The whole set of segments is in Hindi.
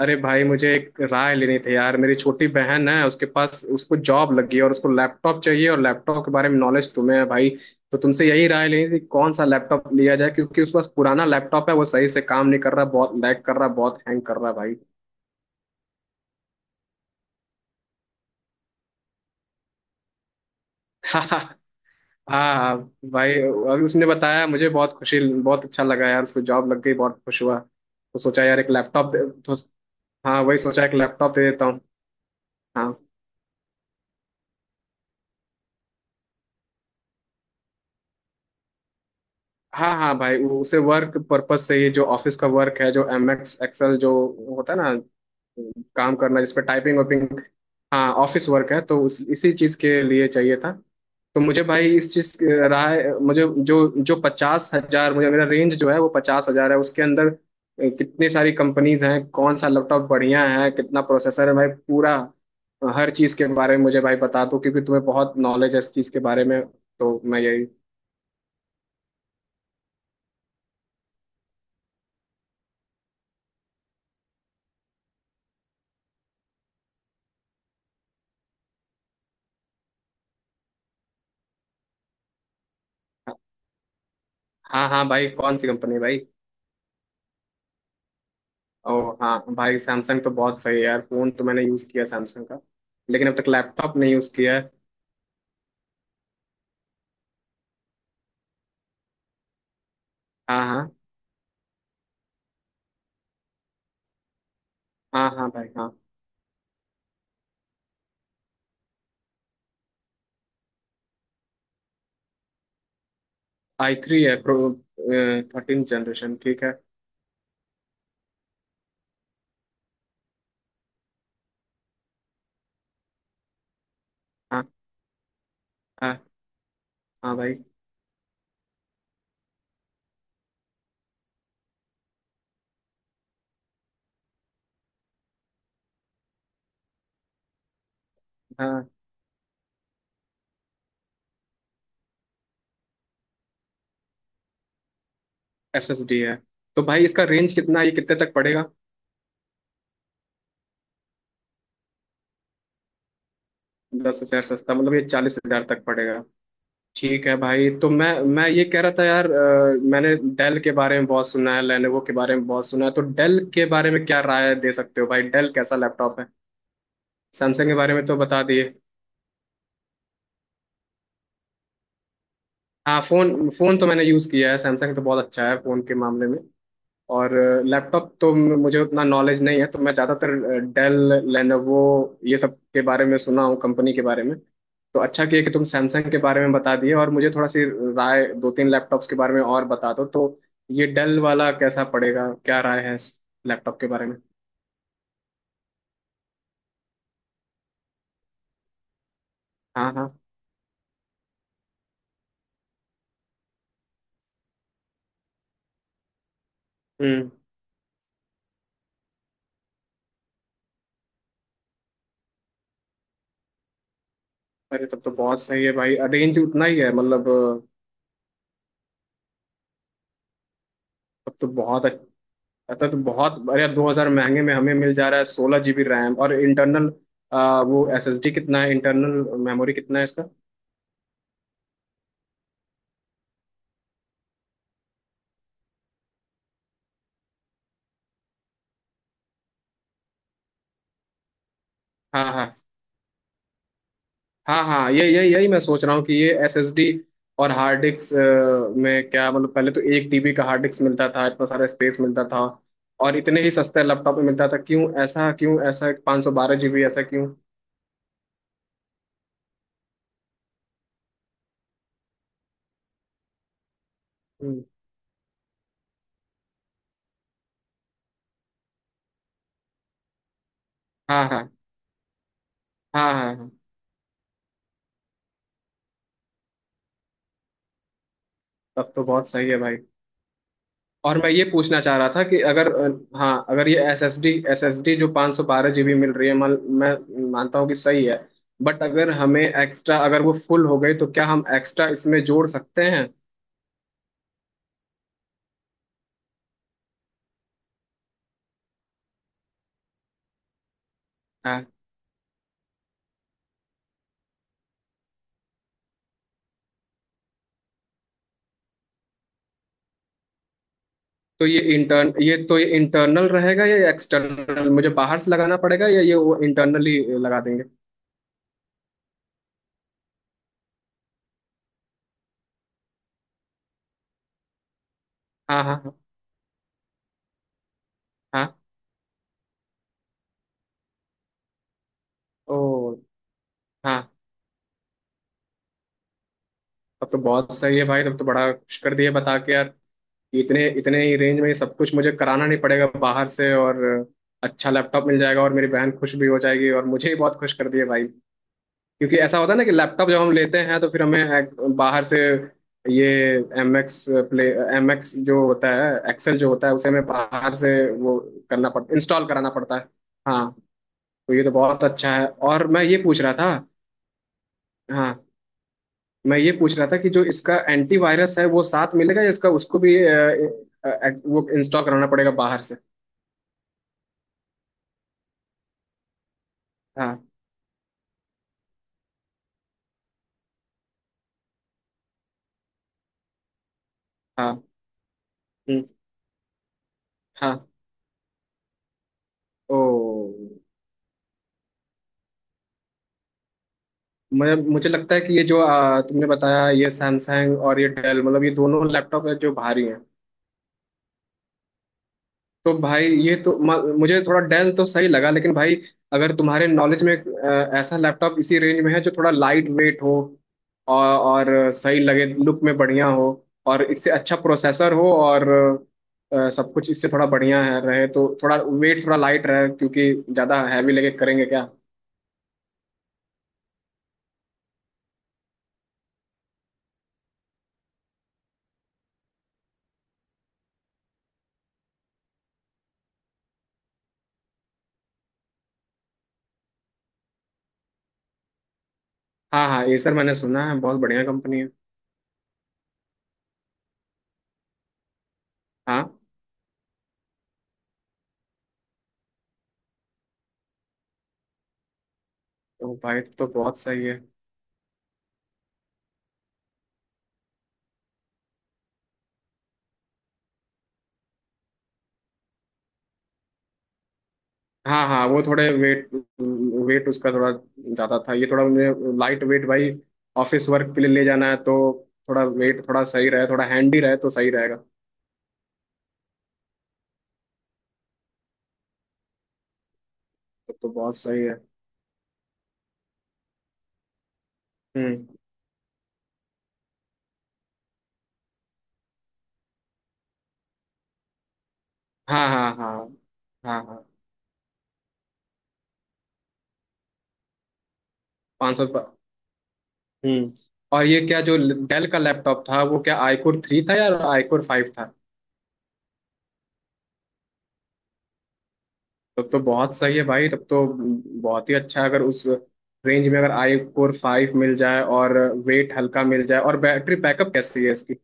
अरे भाई मुझे एक राय लेनी थी यार, मेरी छोटी बहन है, उसके पास उसको जॉब लगी है और उसको लैपटॉप चाहिए और लैपटॉप के बारे में नॉलेज तुम्हें है भाई। तो तुमसे यही राय लेनी थी, कौन सा लैपटॉप लिया जाए, क्योंकि उसके पास पुराना लैपटॉप है, वो सही से काम नहीं कर रहा, बहुत लैग कर रहा, बहुत हैंग कर रहा भाई। हाँ। हाँ भाई, अभी उसने बताया मुझे, बहुत खुशी, बहुत अच्छा लगा यार, उसको जॉब लग गई, बहुत खुश हुआ, तो सोचा यार एक लैपटॉप हाँ वही सोचा एक लैपटॉप दे देता हूँ। हाँ हाँ। हाँ भाई उसे वर्क पर्पस से, ये जो ऑफिस का वर्क है, जो एम एक्स एक्सेल जो होता है ना, काम करना जिसपे टाइपिंग वाइपिंग। हाँ ऑफिस वर्क है तो इसी चीज के लिए चाहिए था। तो मुझे भाई, इस चीज रहा है मुझे, जो जो पचास हजार मुझे, मेरा रेंज जो है वो 50,000 है, उसके अंदर कितनी सारी कंपनीज हैं, कौन सा लैपटॉप बढ़िया है, कितना प्रोसेसर है भाई पूरा हर चीज के बारे में मुझे भाई बता दो, क्योंकि तुम्हें बहुत नॉलेज है इस चीज के बारे में, तो मैं यही। हाँ हाँ भाई, कौन सी कंपनी भाई? ओ हाँ भाई, सैमसंग तो बहुत सही है यार, फोन तो मैंने यूज किया सैमसंग का, लेकिन अब तक लैपटॉप नहीं यूज किया है। हाँ हाँ। हाँ हाँ भाई हाँ। आई थ्री है प्रो, थर्टीन जनरेशन, ठीक है। हाँ हाँ हाँ भाई हाँ। एस एस डी है। तो भाई इसका रेंज कितना है? ये कितने तक पड़ेगा? 10,000 सस्ता, मतलब ये 40,000 तक पड़ेगा? ठीक है भाई, तो मैं ये कह रहा था यार, मैंने डेल के बारे में बहुत सुना है, लेनोवो के बारे में बहुत सुना है, तो डेल के बारे में क्या राय दे सकते हो भाई, डेल कैसा लैपटॉप है? सैमसंग के बारे में तो बता दिए। हाँ, फोन फोन तो मैंने यूज़ किया है सैमसंग, तो बहुत अच्छा है फोन के मामले में, और लैपटॉप तो मुझे उतना नॉलेज नहीं है, तो मैं ज़्यादातर डेल, लेनोवो ये सब के बारे में सुना हूँ कंपनी के बारे में, तो अच्छा किया कि तुम सैमसंग के बारे में बता दिए, और मुझे थोड़ा सी राय, दो तीन लैपटॉप्स के बारे में और बता दो तो। ये डेल वाला कैसा पड़ेगा, क्या राय है इस लैपटॉप के बारे में? हाँ हाँ। हम्म। अरे तब तो बहुत सही है भाई, रेंज उतना ही है मतलब तब तो बहुत, तो बहुत, अरे 2,000 महंगे में हमें मिल जा रहा है 16 जीबी रैम और इंटरनल वो एसएसडी कितना है, इंटरनल मेमोरी कितना है इसका? हाँ हाँ। हाँ हाँ ये, यही यही मैं सोच रहा हूँ कि ये एसएसडी और हार्ड डिस्क में क्या मतलब, पहले तो 1 टीबी का हार्ड डिस्क मिलता था, इतना सारा स्पेस मिलता था और इतने ही सस्ते लैपटॉप में मिलता था, क्यों ऐसा, क्यों ऐसा 512 जीबी, ऐसा क्यों? हम्म, हाँ हाँ हाँ हाँ हाँ। तब तो बहुत सही है भाई। और मैं ये पूछना चाह रहा था कि अगर हाँ, अगर ये एस एस डी जो 512 जी बी मिल रही है, मान, मैं मानता हूँ कि सही है, बट अगर हमें एक्स्ट्रा, अगर वो फुल हो गई, तो क्या हम एक्स्ट्रा इसमें जोड़ सकते हैं? हाँ। तो ये इंटर्न ये तो ये इंटरनल रहेगा या एक्सटर्नल, मुझे बाहर से लगाना पड़ेगा, या ये वो इंटरनली लगा देंगे? हाँ हाँ हाँ। हाँ। ओ। हाँ तब तो बहुत सही है भाई, तब तो बड़ा खुश कर दिए बता के यार, इतने इतने ही रेंज में सब कुछ मुझे कराना नहीं पड़ेगा बाहर से, और अच्छा लैपटॉप मिल जाएगा, और मेरी बहन खुश भी हो जाएगी और मुझे ही बहुत खुश कर दिए भाई। क्योंकि ऐसा होता है ना कि लैपटॉप जब हम लेते हैं, तो फिर हमें बाहर से ये, M X play M X जो होता है, एक्सेल जो होता है, उसे हमें बाहर से, वो करना पड़ता, इंस्टॉल कराना पड़ता है। हाँ। तो ये तो बहुत अच्छा है। और मैं ये पूछ रहा था। हाँ मैं ये पूछ रहा था कि जो इसका एंटीवायरस है, वो साथ मिलेगा, या इसका उसको भी वो इंस्टॉल कराना पड़ेगा बाहर से? हाँ हाँ। हम्म, हाँ। ओ। मैं मुझे लगता है कि ये जो तुमने बताया, ये सैमसंग और ये डेल, मतलब ये दोनों लैपटॉप है जो भारी हैं। तो भाई ये तो मुझे थोड़ा डेल तो सही लगा, लेकिन भाई, अगर तुम्हारे नॉलेज में ऐसा लैपटॉप इसी रेंज में है जो थोड़ा लाइट वेट हो, और सही लगे, लुक में बढ़िया हो, और इससे अच्छा प्रोसेसर हो, और सब कुछ इससे थोड़ा बढ़िया है रहे, तो थोड़ा वेट थोड़ा लाइट रहे, क्योंकि ज़्यादा हैवी लगे करेंगे क्या। हाँ हाँ, एसर मैंने सुना है, बहुत बढ़िया कंपनी है। हाँ तो भाई तो बहुत सही है। हाँ हाँ, वो थोड़े वेट, वेट उसका थोड़ा ज़्यादा था, ये थोड़ा मुझे लाइट वेट भाई, ऑफिस वर्क के लिए ले जाना है, तो थोड़ा वेट थोड़ा सही रहे, थोड़ा हैंडी रहे तो सही रहेगा। तो बहुत सही है। हम्म। हाँ हाँ हाँ हाँ हाँ। पाँच सौ। हम्म। और ये क्या, जो डेल का लैपटॉप था, वो क्या आईकोर थ्री था या आईकोर फाइव था? तब तो बहुत सही है भाई, तब तो बहुत ही अच्छा है। अगर उस रेंज में अगर आई कोर फाइव मिल जाए, और वेट हल्का मिल जाए, और बैटरी बैकअप कैसी है इसकी?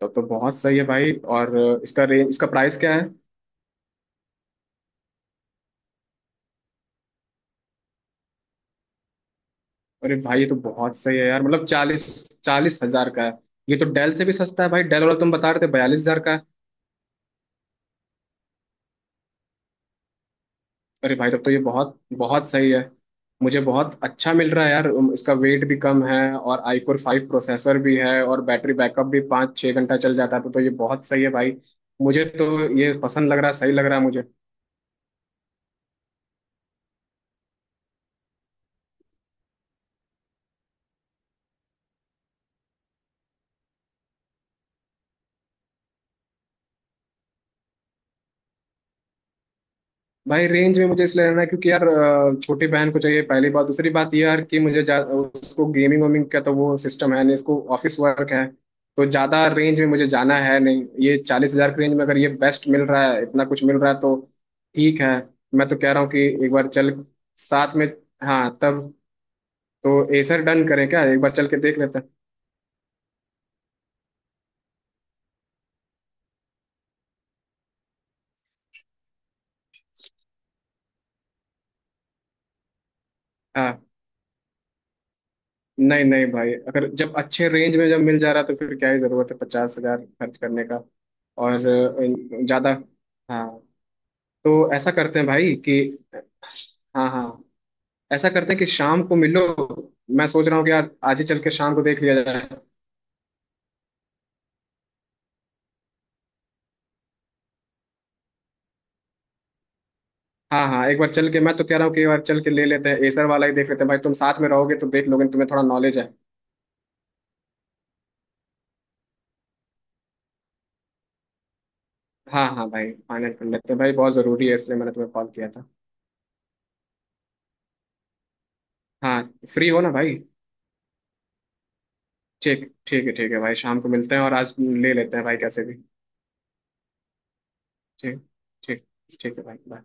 तब तो बहुत सही है भाई। और इसका रेंज, इसका प्राइस क्या है? अरे भाई ये तो बहुत सही है यार, मतलब चालीस। चालीस हजार का है? ये तो डेल से भी सस्ता है भाई, डेल वाला तुम बता रहे थे 42,000 का है। अरे भाई तब तो ये बहुत बहुत सही है, मुझे बहुत अच्छा मिल रहा है यार, इसका वेट भी कम है, और iCore फाइव प्रोसेसर भी है, और बैटरी बैकअप भी 5-6 घंटा चल जाता है, तो ये बहुत सही है भाई, मुझे तो ये पसंद लग रहा है, सही लग रहा है मुझे। भाई रेंज में मुझे इसलिए लेना है, क्योंकि यार छोटी बहन को चाहिए पहली बात, दूसरी बात ये यार कि मुझे उसको गेमिंग वेमिंग का तो वो सिस्टम है नहीं, इसको ऑफिस वर्क है, तो ज़्यादा रेंज में मुझे जाना है नहीं। ये 40,000 के रेंज में अगर ये बेस्ट मिल रहा है, इतना कुछ मिल रहा है तो ठीक है। मैं तो कह रहा हूँ कि एक बार चल साथ में, हाँ तब तो एसर डन करें क्या, एक बार चल के देख लेते हैं। हाँ, नहीं नहीं भाई, अगर जब अच्छे रेंज में जब मिल जा रहा है, तो फिर क्या ही ज़रूरत है 50,000 खर्च करने का। और ज़्यादा। हाँ तो ऐसा करते हैं भाई कि, हाँ हाँ। ऐसा करते हैं कि शाम को मिलो, मैं सोच रहा हूँ कि यार आज ही चल के शाम को देख लिया जाए। हाँ हाँ, एक बार चल के, मैं तो कह रहा हूँ कि एक बार चल के ले लेते हैं एसर वाला ही, देख लेते हैं भाई, तुम साथ में रहोगे तो देख लोगे, तुम्हें थोड़ा नॉलेज है। हाँ हाँ भाई, फाइनल कर लेते हैं भाई, बहुत ज़रूरी है इसलिए मैंने तुम्हें कॉल किया था। हाँ, फ्री हो ना भाई? ठीक ठीक है भाई, शाम को मिलते हैं और आज ले लेते हैं भाई कैसे भी। ठीक ठीक ठीक है भाई bye।